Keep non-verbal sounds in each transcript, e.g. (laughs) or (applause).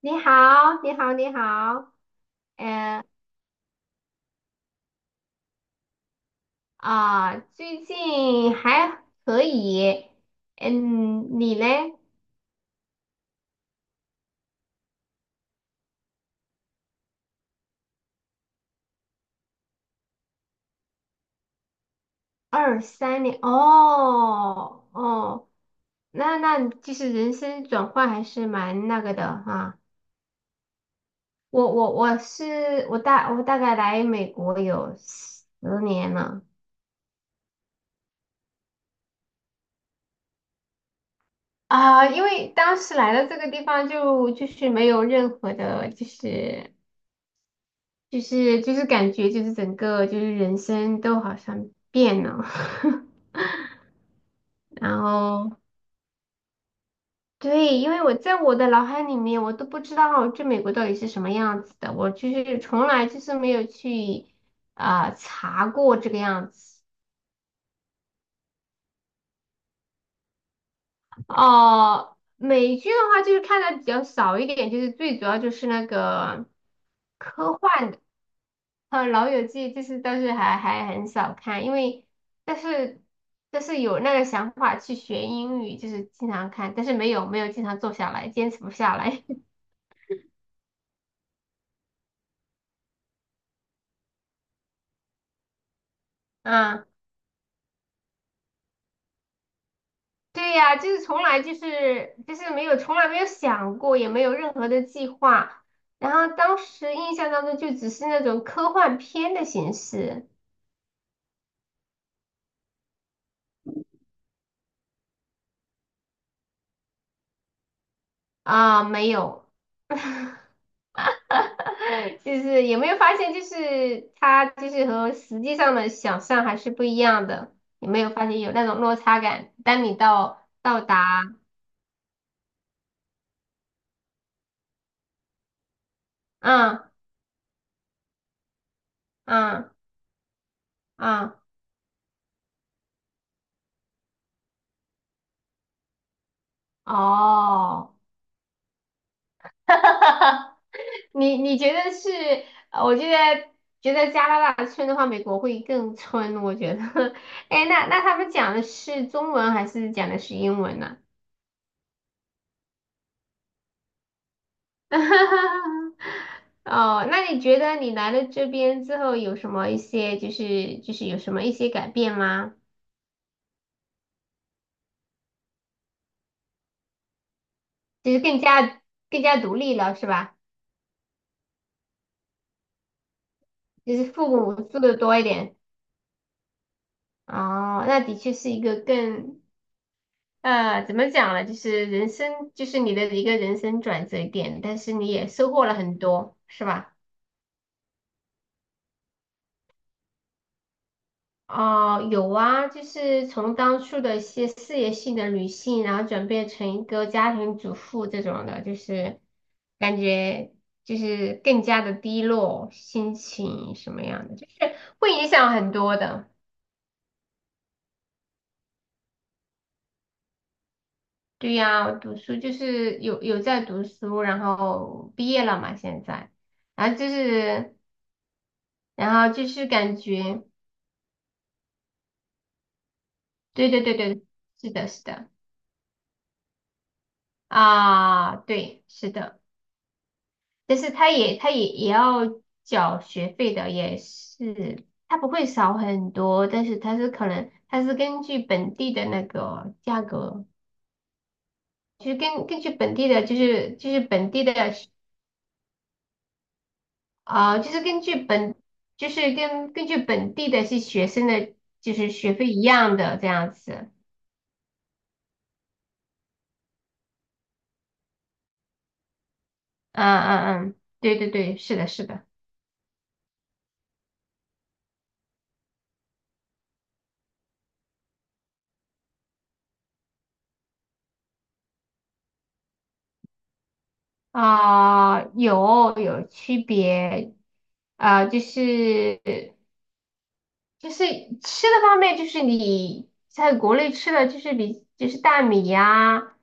你好，你好，你好，嗯啊，最近还可以，嗯，你嘞？23年，哦哦，那就是人生转换还是蛮那个的哈。我大概来美国有10年了。啊，因为当时来到这个地方就是没有任何的，就是。就是感觉就是整个就是人生都好像变了，(laughs) 然后对，因为我在我的脑海里面，我都不知道这美国到底是什么样子的，我就是从来就是没有去查过这个样子。哦、美剧的话就是看的比较少一点，就是最主要就是那个。科幻的。《老友记》就是但是还很少看，因为但是但是有那个想法去学英语，就是经常看，但是没有经常坐下来，坚持不下来。(laughs) 啊，对呀，就是从来就是没有从来没有想过，也没有任何的计划。然后当时印象当中就只是那种科幻片的形式。啊，没有。(laughs) 就是有没有发现，就是它就是和实际上的想象还是不一样的。有没有发现有那种落差感？当你到达，嗯嗯嗯，哦，(laughs) 你觉得是？我觉得加拿大村的话，美国会更村。我觉得，(laughs) 哎，那他们讲的是中文还是讲的是英文呢？(laughs) 哦，那你觉得你来了这边之后有什么一些就是有什么一些改变吗？就是更加独立了是吧？就是父母做的多一点。哦，那的确是一个怎么讲呢？就是人生就是你的一个人生转折点，但是你也收获了很多是吧？哦，有啊，就是从当初的一些事业性的女性，然后转变成一个家庭主妇这种的，就是感觉就是更加的低落，心情什么样的，就是会影响很多的。对呀，我读书就是有在读书，然后毕业了嘛，现在，然后就是然后就是感觉，对对对对，是的，是的，啊，对，是的。但是他也要缴学费的，也是他不会少很多，但是他是可能他是根据本地的那个价格，就是根据本地的，就是本地的就是根据本就是跟根据本地的是学生的，就是学费一样的这样子，嗯嗯嗯，对对对，是的是的。啊、有区别，啊、就是吃的方面，就是你在国内吃的，就是比就是大米呀、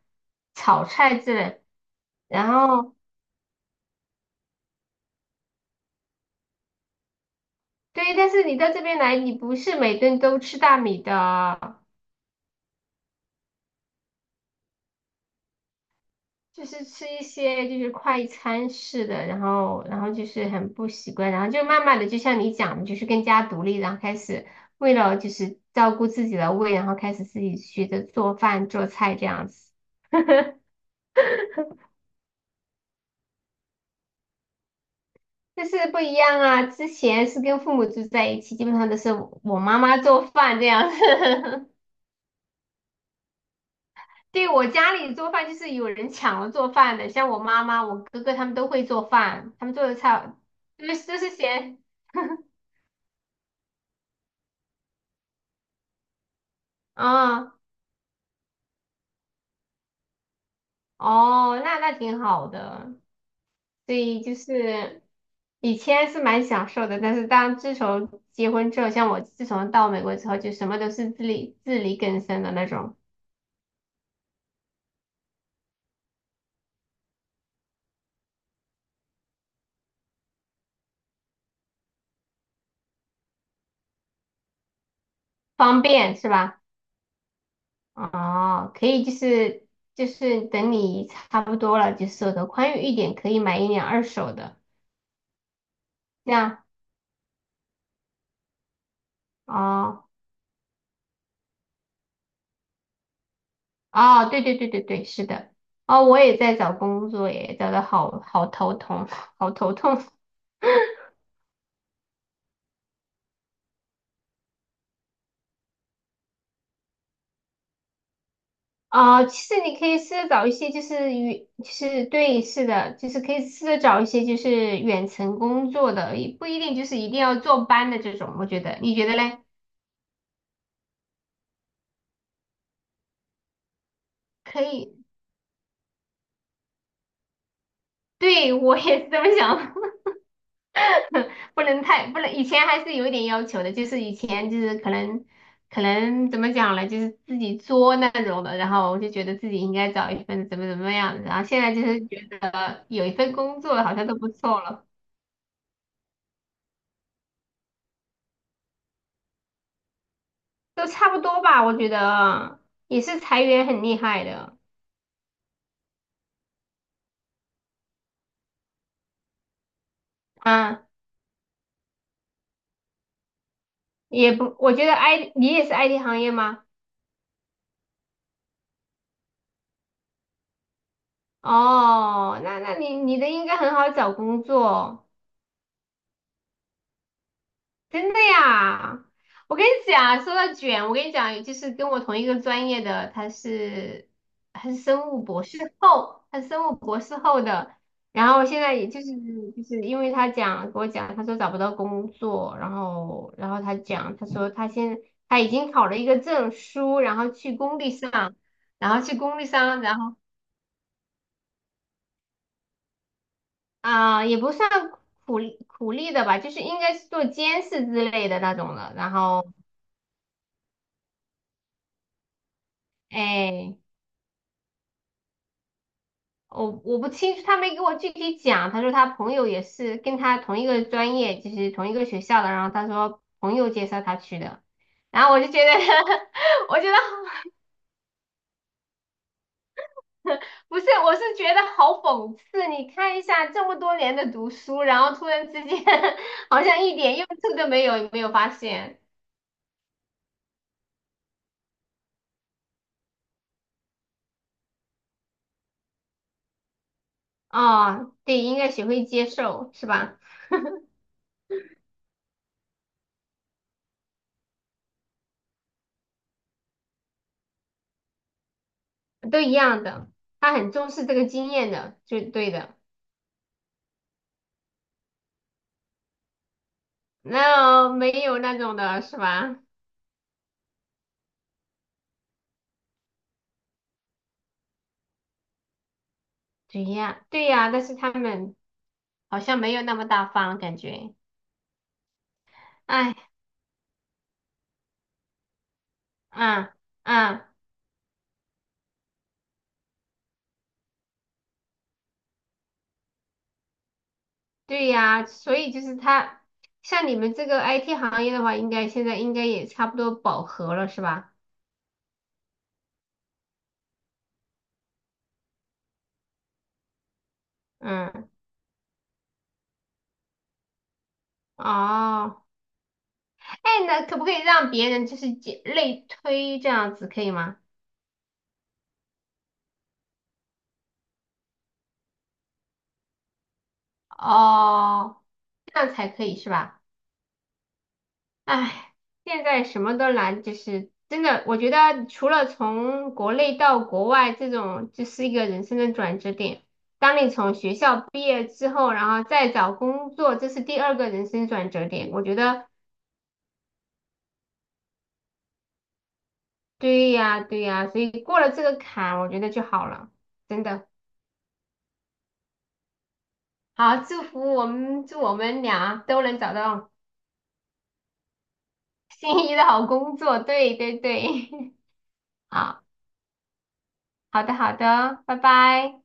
炒菜之类。然后对，但是你到这边来，你不是每顿都吃大米的，就是吃一些就是快餐式的，然后就是很不习惯，然后就慢慢的就像你讲的，就是更加独立，然后开始为了就是照顾自己的胃，然后开始自己学着做饭做菜这样子。但是不一样啊！之前是跟父母住在一起，基本上都是我妈妈做饭这样子。(laughs) 对，我家里做饭就是有人抢了做饭的，像我妈妈、我哥哥他们都会做饭，他们做的菜就是都是咸。(laughs) 嗯，哦，那挺好的。所以就是以前是蛮享受的，但是当自从结婚之后，像我自从到美国之后，就什么都是自力更生的那种，方便是吧？哦，可以，就是等你差不多了，就是手头宽裕一点，可以买一辆二手的，这样哦哦，对对对对对，是的，哦，我也在找工作耶，找的好好头痛，(laughs) 好头痛哦。其实你可以试着找一些就是远，就是对，是的，就是可以试着找一些就是远程工作的，也不一定就是一定要坐班的这种，我觉得，你觉得嘞？可以，对，我也是这么想。不能太不能，以前还是有一点要求的，就是以前就是可能怎么讲呢，就是自己作那种的，然后我就觉得自己应该找一份怎么样的，然后现在就是觉得有一份工作好像都不错了，都差不多吧，我觉得也是裁员很厉害的，啊，也不，我觉得 你也是 IT 行业吗？哦，那你的应该很好找工作。真的呀！我跟你讲，说到卷，我跟你讲，就是跟我同一个专业的，他是生物博士后，他是生物博士后的。然后现在也就是因为他讲给我讲，他说找不到工作，然后他讲，他说他已经考了一个证书，然后去工地上，然后去工地上，然后啊、也不算苦力的吧，就是应该是做监视之类的那种的，然后哎。我不清楚，他没给我具体讲。他说他朋友也是跟他同一个专业，就是同一个学校的。然后他说朋友介绍他去的，然后我就觉得，(laughs) 我觉得 (laughs) 不是，我是觉得好讽刺。你看一下这么多年的读书，然后突然之间 (laughs) 好像一点用处都没有，有没有发现？哦，对，应该学会接受，是吧？都一样的，他很重视这个经验的，就对的。那没有那种的是吧？对呀，对呀，但是他们好像没有那么大方，感觉，哎，嗯嗯，对呀，所以就是他，像你们这个 IT 行业的话，应该现在应该也差不多饱和了，是吧？嗯，哦，哎，那可不可以让别人就是解类推这样子，可以吗？哦，这样才可以是吧？唉，现在什么都难，就是真的，我觉得除了从国内到国外这种，就是一个人生的转折点。当你从学校毕业之后，然后再找工作，这是第二个人生转折点。我觉得对呀，对呀，所以过了这个坎，我觉得就好了，真的。好，祝福我们，祝我们俩都能找到心仪的好工作。对对对，(laughs) 好，好的好的，拜拜。